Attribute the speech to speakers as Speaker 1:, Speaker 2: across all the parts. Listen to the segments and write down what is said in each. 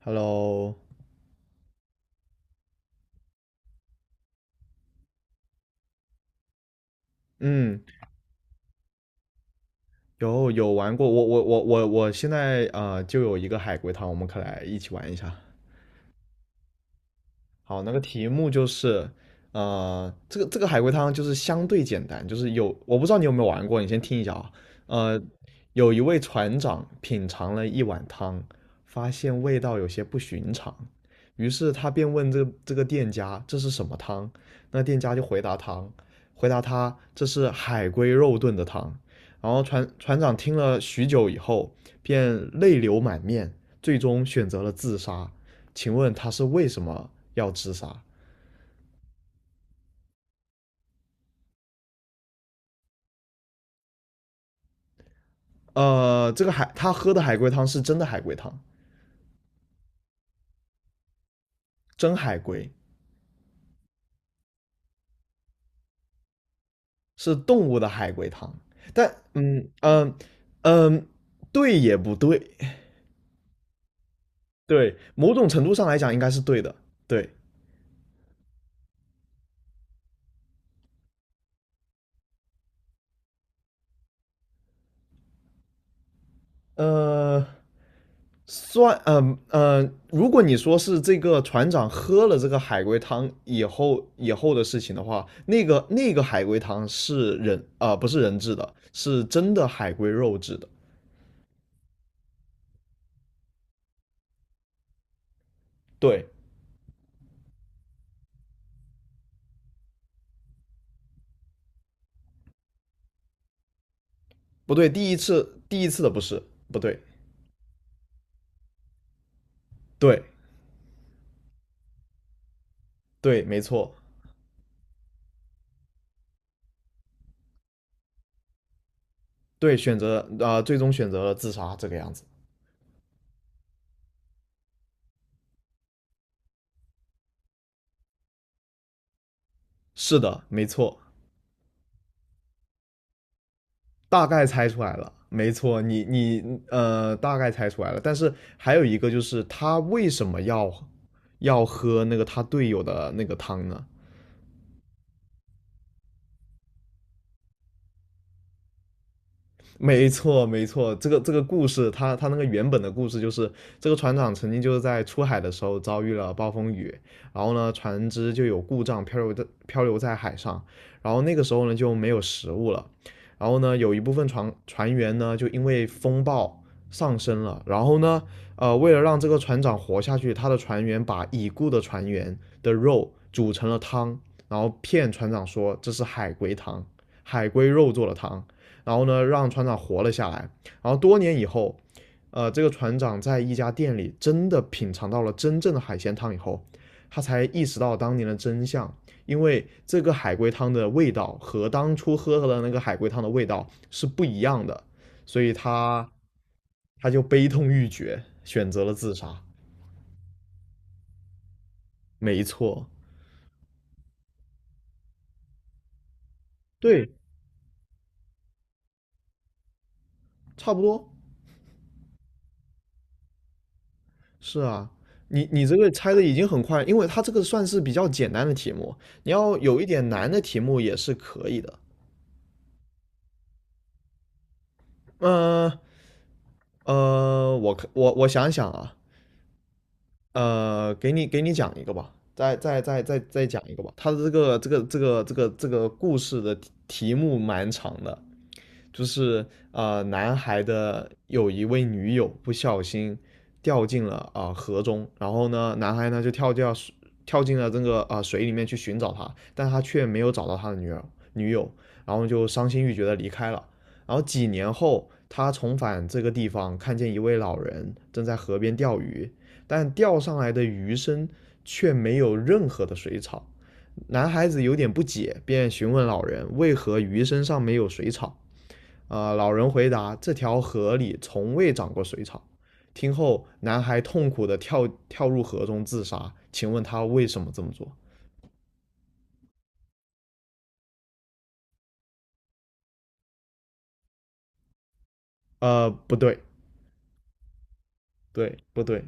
Speaker 1: Hello，嗯，有玩过，我现在就有一个海龟汤，我们可来一起玩一下。好，那个题目就是，这个海龟汤就是相对简单，就是有我不知道你有没有玩过，你先听一下啊。呃，有一位船长品尝了一碗汤，发现味道有些不寻常，于是他便问这个店家这是什么汤，那店家就回答汤，回答他这是海龟肉炖的汤。然后船长听了许久以后，便泪流满面，最终选择了自杀。请问他是为什么要自杀？这个海他喝的海龟汤是真的海龟汤，真海龟是动物的海龟汤，但嗯，对也不对，对，某种程度上来讲应该是对的，对，呃，算，如果你说是这个船长喝了这个海龟汤以后的事情的话，那个海龟汤是不是人制的，是真的海龟肉制的，对，不对，第一次的不是，不对，对对，没错，对，选择最终选择了自杀这个样子。是的，没错，大概猜出来了，没错，你大概猜出来了。但是还有一个就是他为什么要要喝那个他队友的那个汤呢？没错，没错，这个这个故事，它那个原本的故事就是这个船长曾经就是在出海的时候遭遇了暴风雨，然后呢，船只就有故障漂流在海上，然后那个时候呢就没有食物了，然后呢，有一部分船员呢就因为风暴上升了，然后呢，为了让这个船长活下去，他的船员把已故的船员的肉煮成了汤，然后骗船长说这是海龟汤，海龟肉做的汤。然后呢，让船长活了下来。然后多年以后，这个船长在一家店里真的品尝到了真正的海鲜汤以后，他才意识到当年的真相，因为这个海龟汤的味道和当初喝的那个海龟汤的味道是不一样的，所以他就悲痛欲绝，选择了自杀。没错，对，差不多。是啊，你这个猜的已经很快，因为它这个算是比较简单的题目，你要有一点难的题目也是可以的。嗯呃，呃我可我我想想啊，给你讲一个吧，再讲一个吧。它的这个故事的题目蛮长的，就是男孩的有一位女友不小心掉进了河中，然后呢，男孩呢就跳进了这个水里面去寻找她，但他却没有找到他的女友，然后就伤心欲绝的离开了。然后几年后，他重返这个地方，看见一位老人正在河边钓鱼，但钓上来的鱼身却没有任何的水草。男孩子有点不解，便询问老人为何鱼身上没有水草。老人回答：“这条河里从未长过水草。”听后，男孩痛苦地跳入河中自杀。请问他为什么这么做？不对，对，不对，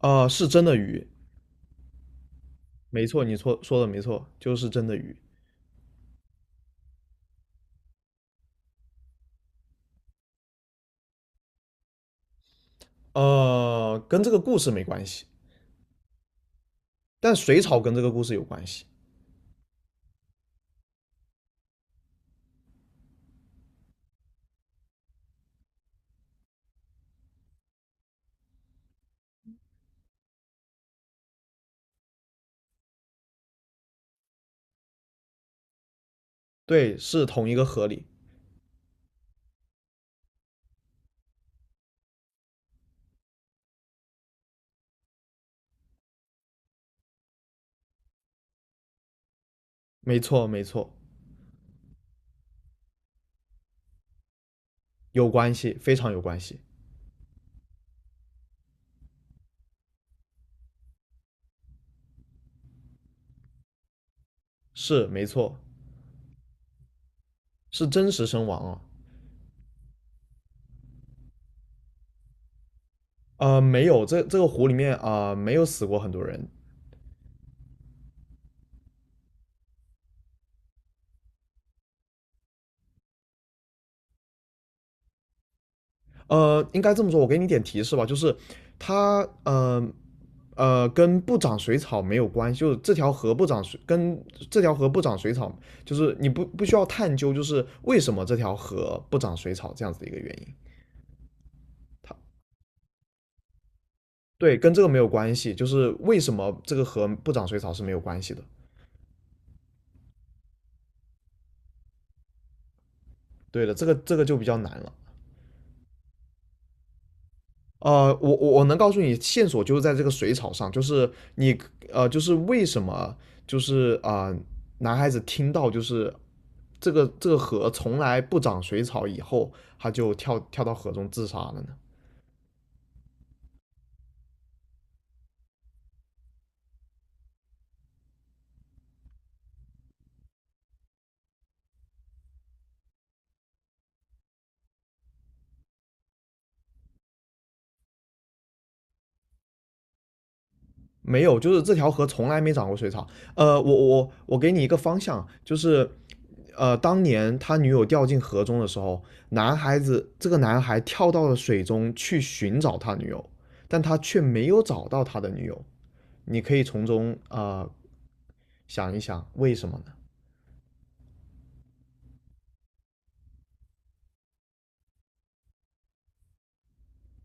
Speaker 1: 是真的鱼，没错，你错说的没错，就是真的鱼。跟这个故事没关系，但水草跟这个故事有关系。对，是同一个河里，没错，没错，有关系，非常有关系，是没错，是真实身亡啊。没有，这这个湖里面没有死过很多人。应该这么说，我给你点提示吧，就是它，呃跟不长水草没有关系，就是这条河不长水，跟这条河不长水草，就是你不需要探究，就是为什么这条河不长水草这样子的一个原因。它对，跟这个没有关系，就是为什么这个河不长水草是没有关系的。对的，这个这个就比较难了。我能告诉你线索就是在这个水草上，就是你就是为什么就是男孩子听到就是这个河从来不长水草以后，他就跳到河中自杀了呢？没有，就是这条河从来没长过水草。我给你一个方向，就是当年他女友掉进河中的时候，男孩子这个男孩跳到了水中去寻找他女友，但他却没有找到他的女友。你可以从中想一想为什么呢？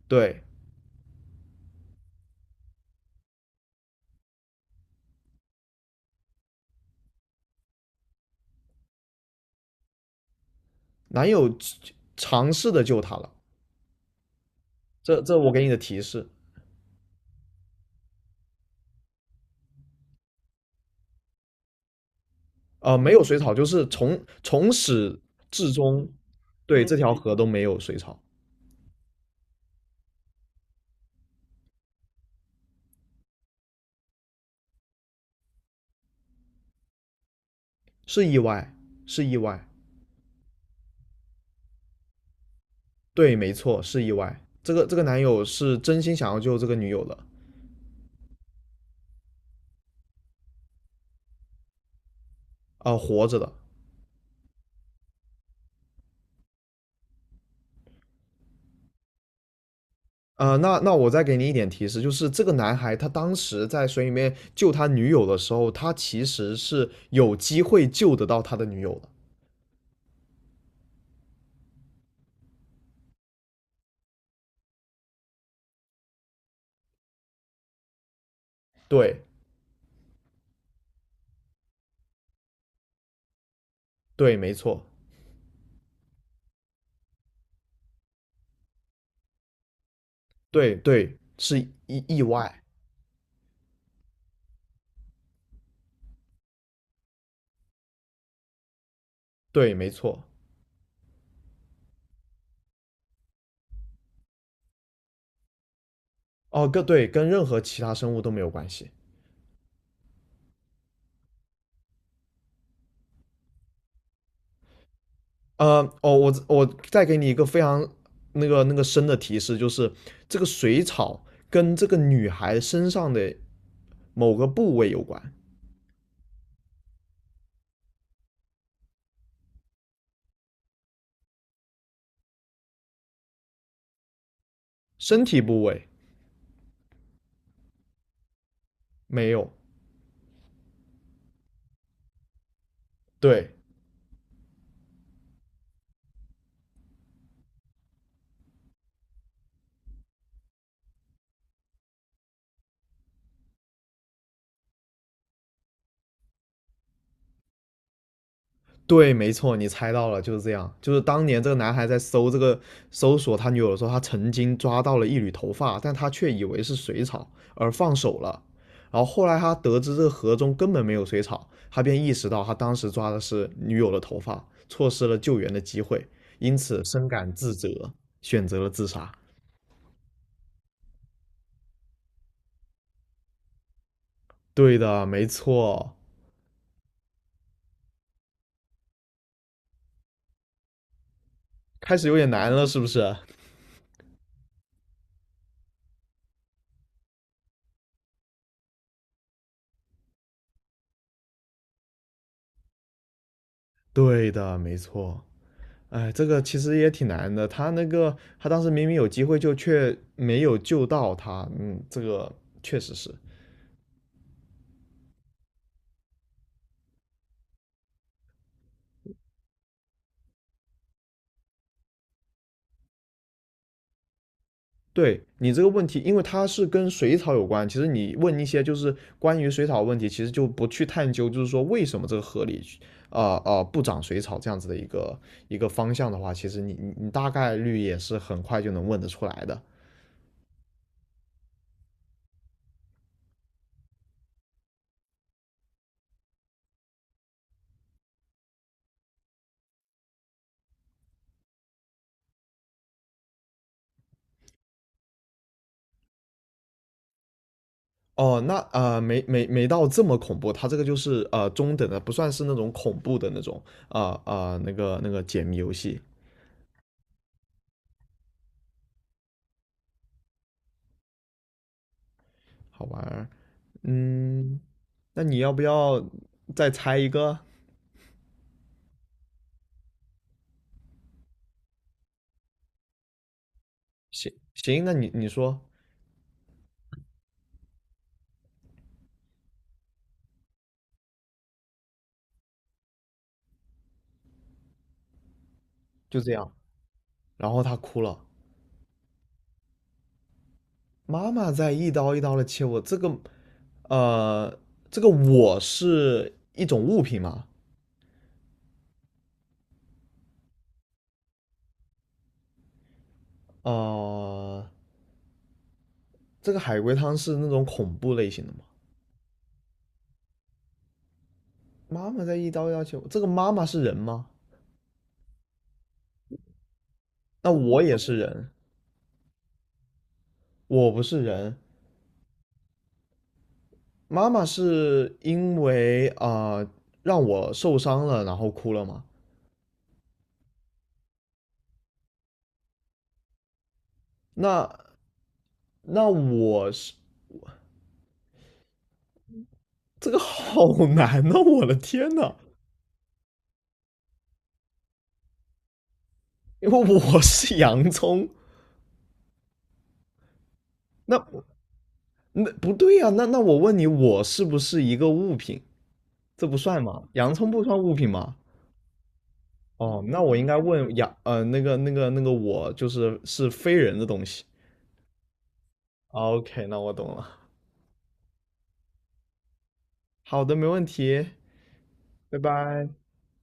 Speaker 1: 对，男友尝试的救她了，这这我给你的提示，没有水草，就是从始至终，对这条河都没有水草，是意外，是意外，对，没错，是意外。这个这个男友是真心想要救这个女友的，活着的。那我再给你一点提示，就是这个男孩他当时在水里面救他女友的时候，他其实是有机会救得到他的女友的。对对，没错，对对，是意外，对，没错。哦，跟对跟任何其他生物都没有关系。呃，哦，我我再给你一个非常那个深的提示，就是这个水草跟这个女孩身上的某个部位有关，身体部位没有。对，对，没错，你猜到了，就是这样。就是当年这个男孩在搜搜索他女友的时候，他曾经抓到了一缕头发，但他却以为是水草而放手了。然后后来他得知这个河中根本没有水草，他便意识到他当时抓的是女友的头发，错失了救援的机会，因此深感自责，选择了自杀。对的，没错。开始有点难了，是不是？对的，没错。哎，这个其实也挺难的。他那个，他当时明明有机会，就却没有救到他。嗯，这个确实是。对你这个问题，因为它是跟水草有关。其实你问一些就是关于水草的问题，其实就不去探究，就是说为什么这个河里，不长水草这样子的一个方向的话，其实你大概率也是很快就能问得出来的。哦，那没到这么恐怖，它这个就是中等的，不算是那种恐怖的那种那个解谜游戏，好玩儿。嗯，那你要不要再猜一个？行行，那你你说就这样。然后他哭了，妈妈在一刀一刀的切我。这个呃，这个我是一种物品吗？呃，这个海龟汤是那种恐怖类型的吗？妈妈在一刀一刀切我，这个妈妈是人吗？那我也是人，我不是人。妈妈是因为让我受伤了，然后哭了嘛。那那我是这个好难呐、我的天呐，因为我是洋葱，那那不对呀、那我问你，我是不是一个物品？这不算吗？洋葱不算物品吗？哦，那我应该问那个我就是是非人的东西。OK，那我懂了。好的，没问题。拜拜。